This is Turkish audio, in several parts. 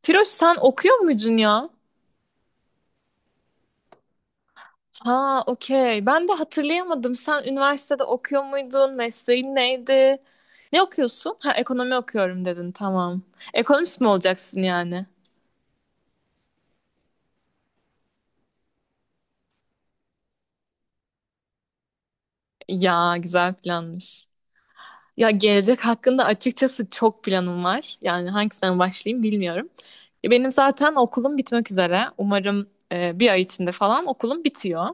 Firoş sen okuyor muydun ya? Ha, okey. Ben de hatırlayamadım. Sen üniversitede okuyor muydun? Mesleğin neydi? Ne okuyorsun? Ha, ekonomi okuyorum dedin. Tamam. Ekonomist mi olacaksın yani? Ya, güzel planmış. Ya gelecek hakkında açıkçası çok planım var. Yani hangisinden başlayayım bilmiyorum. Ya, benim zaten okulum bitmek üzere. Umarım bir ay içinde falan okulum bitiyor.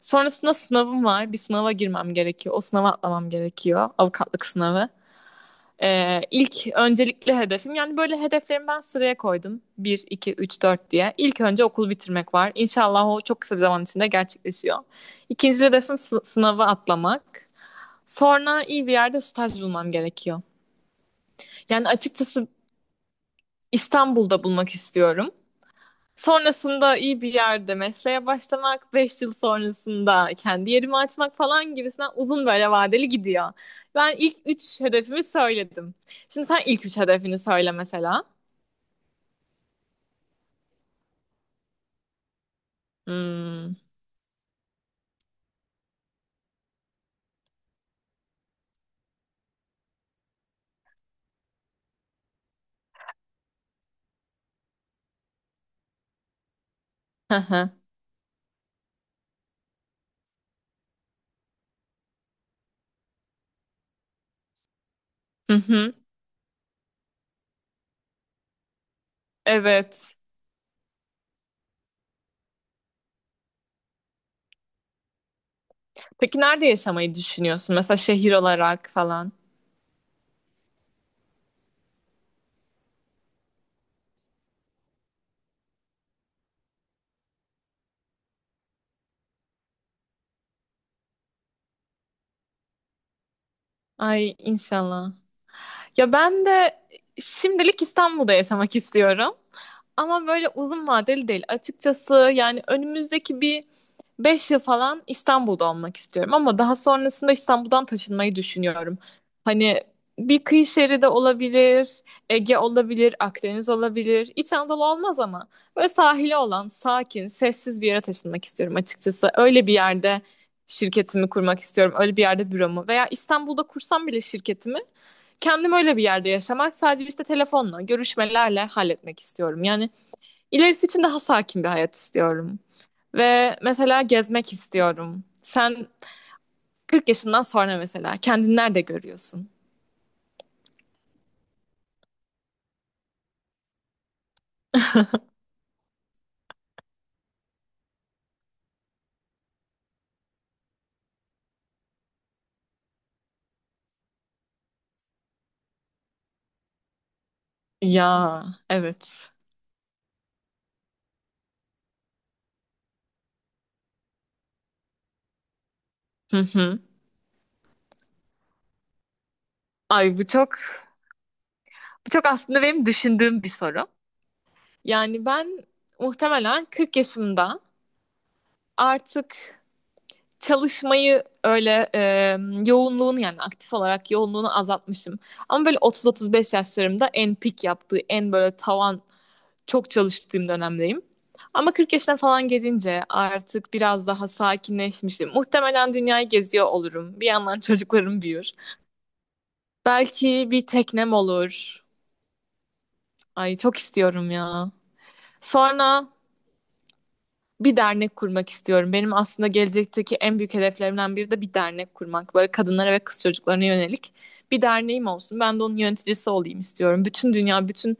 Sonrasında sınavım var. Bir sınava girmem gerekiyor. O sınava atlamam gerekiyor. Avukatlık sınavı. İlk öncelikli hedefim yani böyle hedeflerimi ben sıraya koydum: bir, iki, üç, 4 diye. İlk önce okul bitirmek var. İnşallah o çok kısa bir zaman içinde gerçekleşiyor. İkinci hedefim sınavı atlamak. Sonra iyi bir yerde staj bulmam gerekiyor. Yani açıkçası İstanbul'da bulmak istiyorum. Sonrasında iyi bir yerde mesleğe başlamak, 5 yıl sonrasında kendi yerimi açmak falan gibisinden uzun böyle vadeli gidiyor. Ben ilk 3 hedefimi söyledim. Şimdi sen ilk 3 hedefini söyle mesela. Hmm. Hı hı. Hı hı. Evet. Peki nerede yaşamayı düşünüyorsun? Mesela şehir olarak falan. Ay inşallah. Ya ben de şimdilik İstanbul'da yaşamak istiyorum. Ama böyle uzun vadeli değil. Açıkçası yani önümüzdeki bir 5 yıl falan İstanbul'da olmak istiyorum. Ama daha sonrasında İstanbul'dan taşınmayı düşünüyorum. Hani bir kıyı şeridi olabilir, Ege olabilir, Akdeniz olabilir. İç Anadolu olmaz ama böyle sahili olan, sakin, sessiz bir yere taşınmak istiyorum açıkçası. Öyle bir yerde şirketimi kurmak istiyorum. Öyle bir yerde büromu, veya İstanbul'da kursam bile şirketimi kendim öyle bir yerde yaşamak, sadece işte telefonla, görüşmelerle halletmek istiyorum. Yani ilerisi için daha sakin bir hayat istiyorum. Ve mesela gezmek istiyorum. Sen 40 yaşından sonra mesela kendini nerede görüyorsun? Ya, evet. Hı hı. Ay bu çok aslında benim düşündüğüm bir soru. Yani ben muhtemelen 40 yaşımda artık çalışmayı öyle yoğunluğunu, yani aktif olarak yoğunluğunu azaltmışım. Ama böyle 30-35 yaşlarımda en pik yaptığı, en böyle tavan çok çalıştığım dönemdeyim. Ama 40 yaşına falan gelince artık biraz daha sakinleşmişim. Muhtemelen dünyayı geziyor olurum. Bir yandan çocuklarım büyür. Belki bir teknem olur. Ay çok istiyorum ya. Sonra bir dernek kurmak istiyorum. Benim aslında gelecekteki en büyük hedeflerimden biri de bir dernek kurmak. Böyle kadınlara ve kız çocuklarına yönelik bir derneğim olsun. Ben de onun yöneticisi olayım istiyorum. Bütün dünya, bütün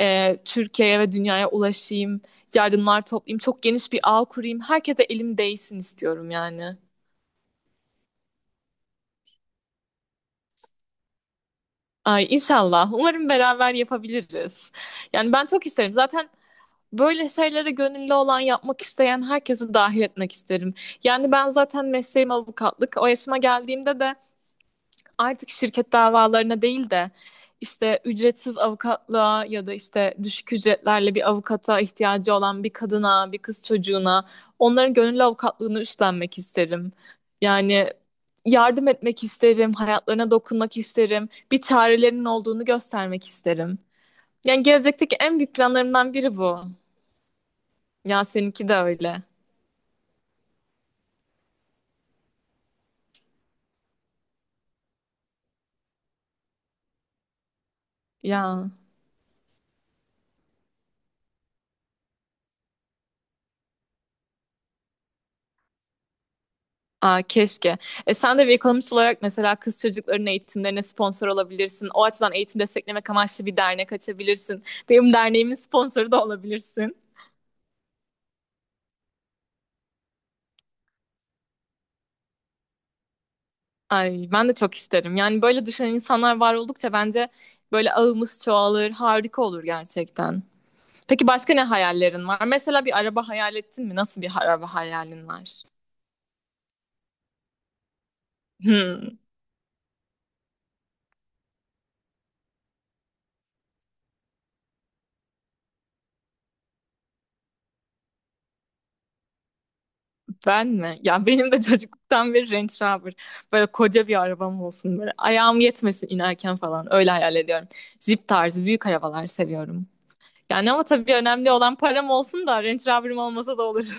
Türkiye'ye ve dünyaya ulaşayım, yardımlar toplayayım, çok geniş bir ağ kurayım. Herkese elim değsin istiyorum yani. Ay inşallah. Umarım beraber yapabiliriz. Yani ben çok isterim. Zaten böyle şeylere gönüllü olan, yapmak isteyen herkesi dahil etmek isterim. Yani ben zaten mesleğim avukatlık. O yaşıma geldiğimde de artık şirket davalarına değil de işte ücretsiz avukatlığa ya da işte düşük ücretlerle bir avukata ihtiyacı olan bir kadına, bir kız çocuğuna onların gönüllü avukatlığını üstlenmek isterim. Yani yardım etmek isterim, hayatlarına dokunmak isterim, bir çarelerinin olduğunu göstermek isterim. Yani gelecekteki en büyük planlarımdan biri bu. Ya seninki de öyle. Ya. Aa, keşke. E, sen de bir ekonomist olarak mesela kız çocukların eğitimlerine sponsor olabilirsin. O açıdan eğitim desteklemek amaçlı bir dernek açabilirsin. Benim derneğimin sponsoru da olabilirsin. Ay, ben de çok isterim. Yani böyle düşünen insanlar var oldukça bence böyle ağımız çoğalır, harika olur gerçekten. Peki başka ne hayallerin var? Mesela bir araba hayal ettin mi? Nasıl bir araba hayalin var? Hmm. Ben mi? Ya benim de çocukluktan beri Range Rover. Böyle koca bir arabam olsun böyle. Ayağım yetmesin inerken falan. Öyle hayal ediyorum. Jeep tarzı büyük arabalar seviyorum. Yani ama tabii önemli olan param olsun, da Range Rover'ım olmasa da olur.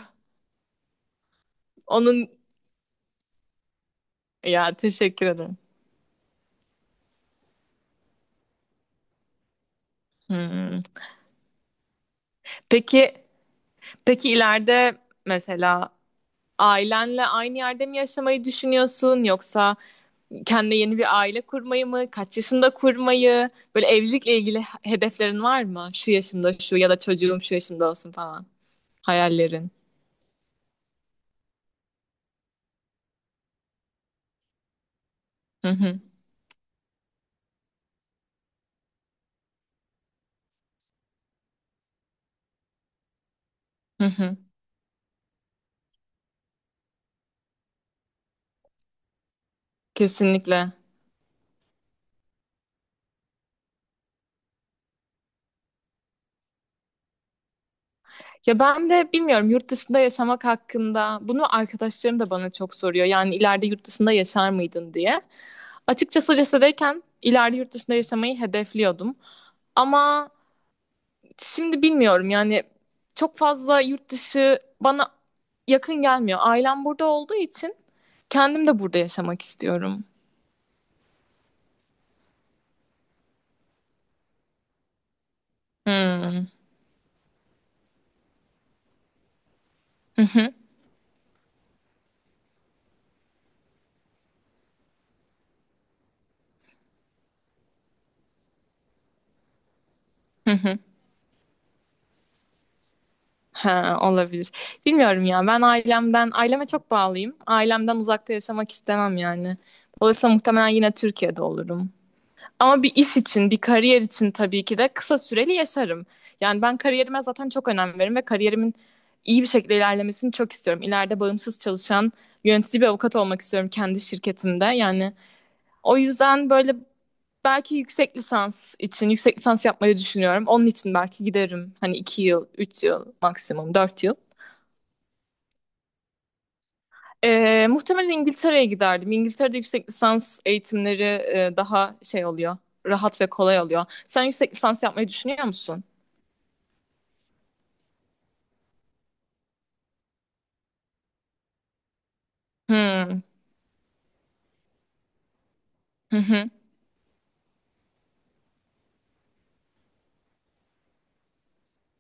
Onun, ya teşekkür ederim. Hmm. Peki peki ileride mesela ailenle aynı yerde mi yaşamayı düşünüyorsun, yoksa kendine yeni bir aile kurmayı mı? Kaç yaşında kurmayı? Böyle evlilikle ilgili hedeflerin var mı? Şu yaşımda şu, ya da çocuğum şu yaşımda olsun falan. Hayallerin. Hı hı. Hı hı. Kesinlikle. Ya ben de bilmiyorum yurt dışında yaşamak hakkında, bunu arkadaşlarım da bana çok soruyor. Yani ileride yurt dışında yaşar mıydın diye. Açıkçası lisedeyken ileride yurt dışında yaşamayı hedefliyordum. Ama şimdi bilmiyorum yani, çok fazla yurt dışı bana yakın gelmiyor. Ailem burada olduğu için kendim de burada yaşamak istiyorum. Hmm. Hı hı. Ha, olabilir. Bilmiyorum ya. Ben ailemden, aileme çok bağlıyım. Ailemden uzakta yaşamak istemem yani. Dolayısıyla muhtemelen yine Türkiye'de olurum. Ama bir iş için, bir kariyer için tabii ki de kısa süreli yaşarım. Yani ben kariyerime zaten çok önem veririm ve kariyerimin iyi bir şekilde ilerlemesini çok istiyorum. İleride bağımsız çalışan, yönetici bir avukat olmak istiyorum kendi şirketimde. Yani o yüzden böyle belki yüksek lisans için, yüksek lisans yapmayı düşünüyorum. Onun için belki giderim. Hani 2 yıl, 3 yıl maksimum, 4 yıl. Muhtemelen İngiltere'ye giderdim. İngiltere'de yüksek lisans eğitimleri daha şey oluyor, rahat ve kolay oluyor. Sen yüksek lisans yapmayı düşünüyor musun? Hmm. Hı hı.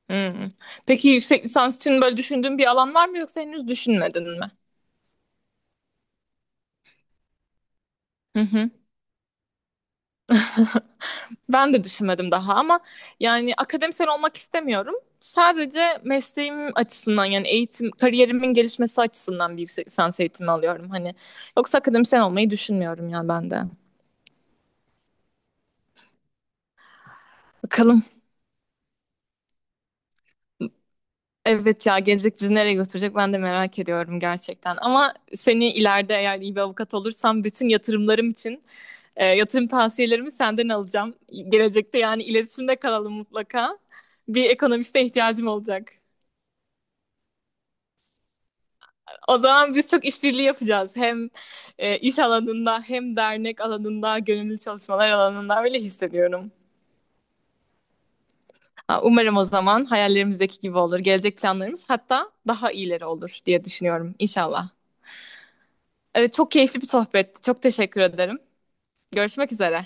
Hmm. Peki yüksek lisans için böyle düşündüğün bir alan var mı, yoksa henüz düşünmedin mi? Hı hı. Ben de düşünmedim daha, ama yani akademisyen olmak istemiyorum. Sadece mesleğim açısından yani eğitim, kariyerimin gelişmesi açısından bir yüksek lisans eğitimi alıyorum hani. Yoksa akademisyen olmayı düşünmüyorum yani ben de. Bakalım. Evet ya, gelecek bizi nereye götürecek ben de merak ediyorum gerçekten. Ama seni ileride, eğer iyi bir avukat olursam bütün yatırımlarım için yatırım tavsiyelerimi senden alacağım. Gelecekte yani iletişimde kalalım mutlaka. Bir ekonomiste ihtiyacım olacak. O zaman biz çok işbirliği yapacağız. Hem iş alanında, hem dernek alanında, gönüllü çalışmalar alanında öyle hissediyorum. Ha, umarım o zaman hayallerimizdeki gibi olur. Gelecek planlarımız hatta daha iyileri olur diye düşünüyorum inşallah. Evet, çok keyifli bir sohbetti. Çok teşekkür ederim. Görüşmek üzere.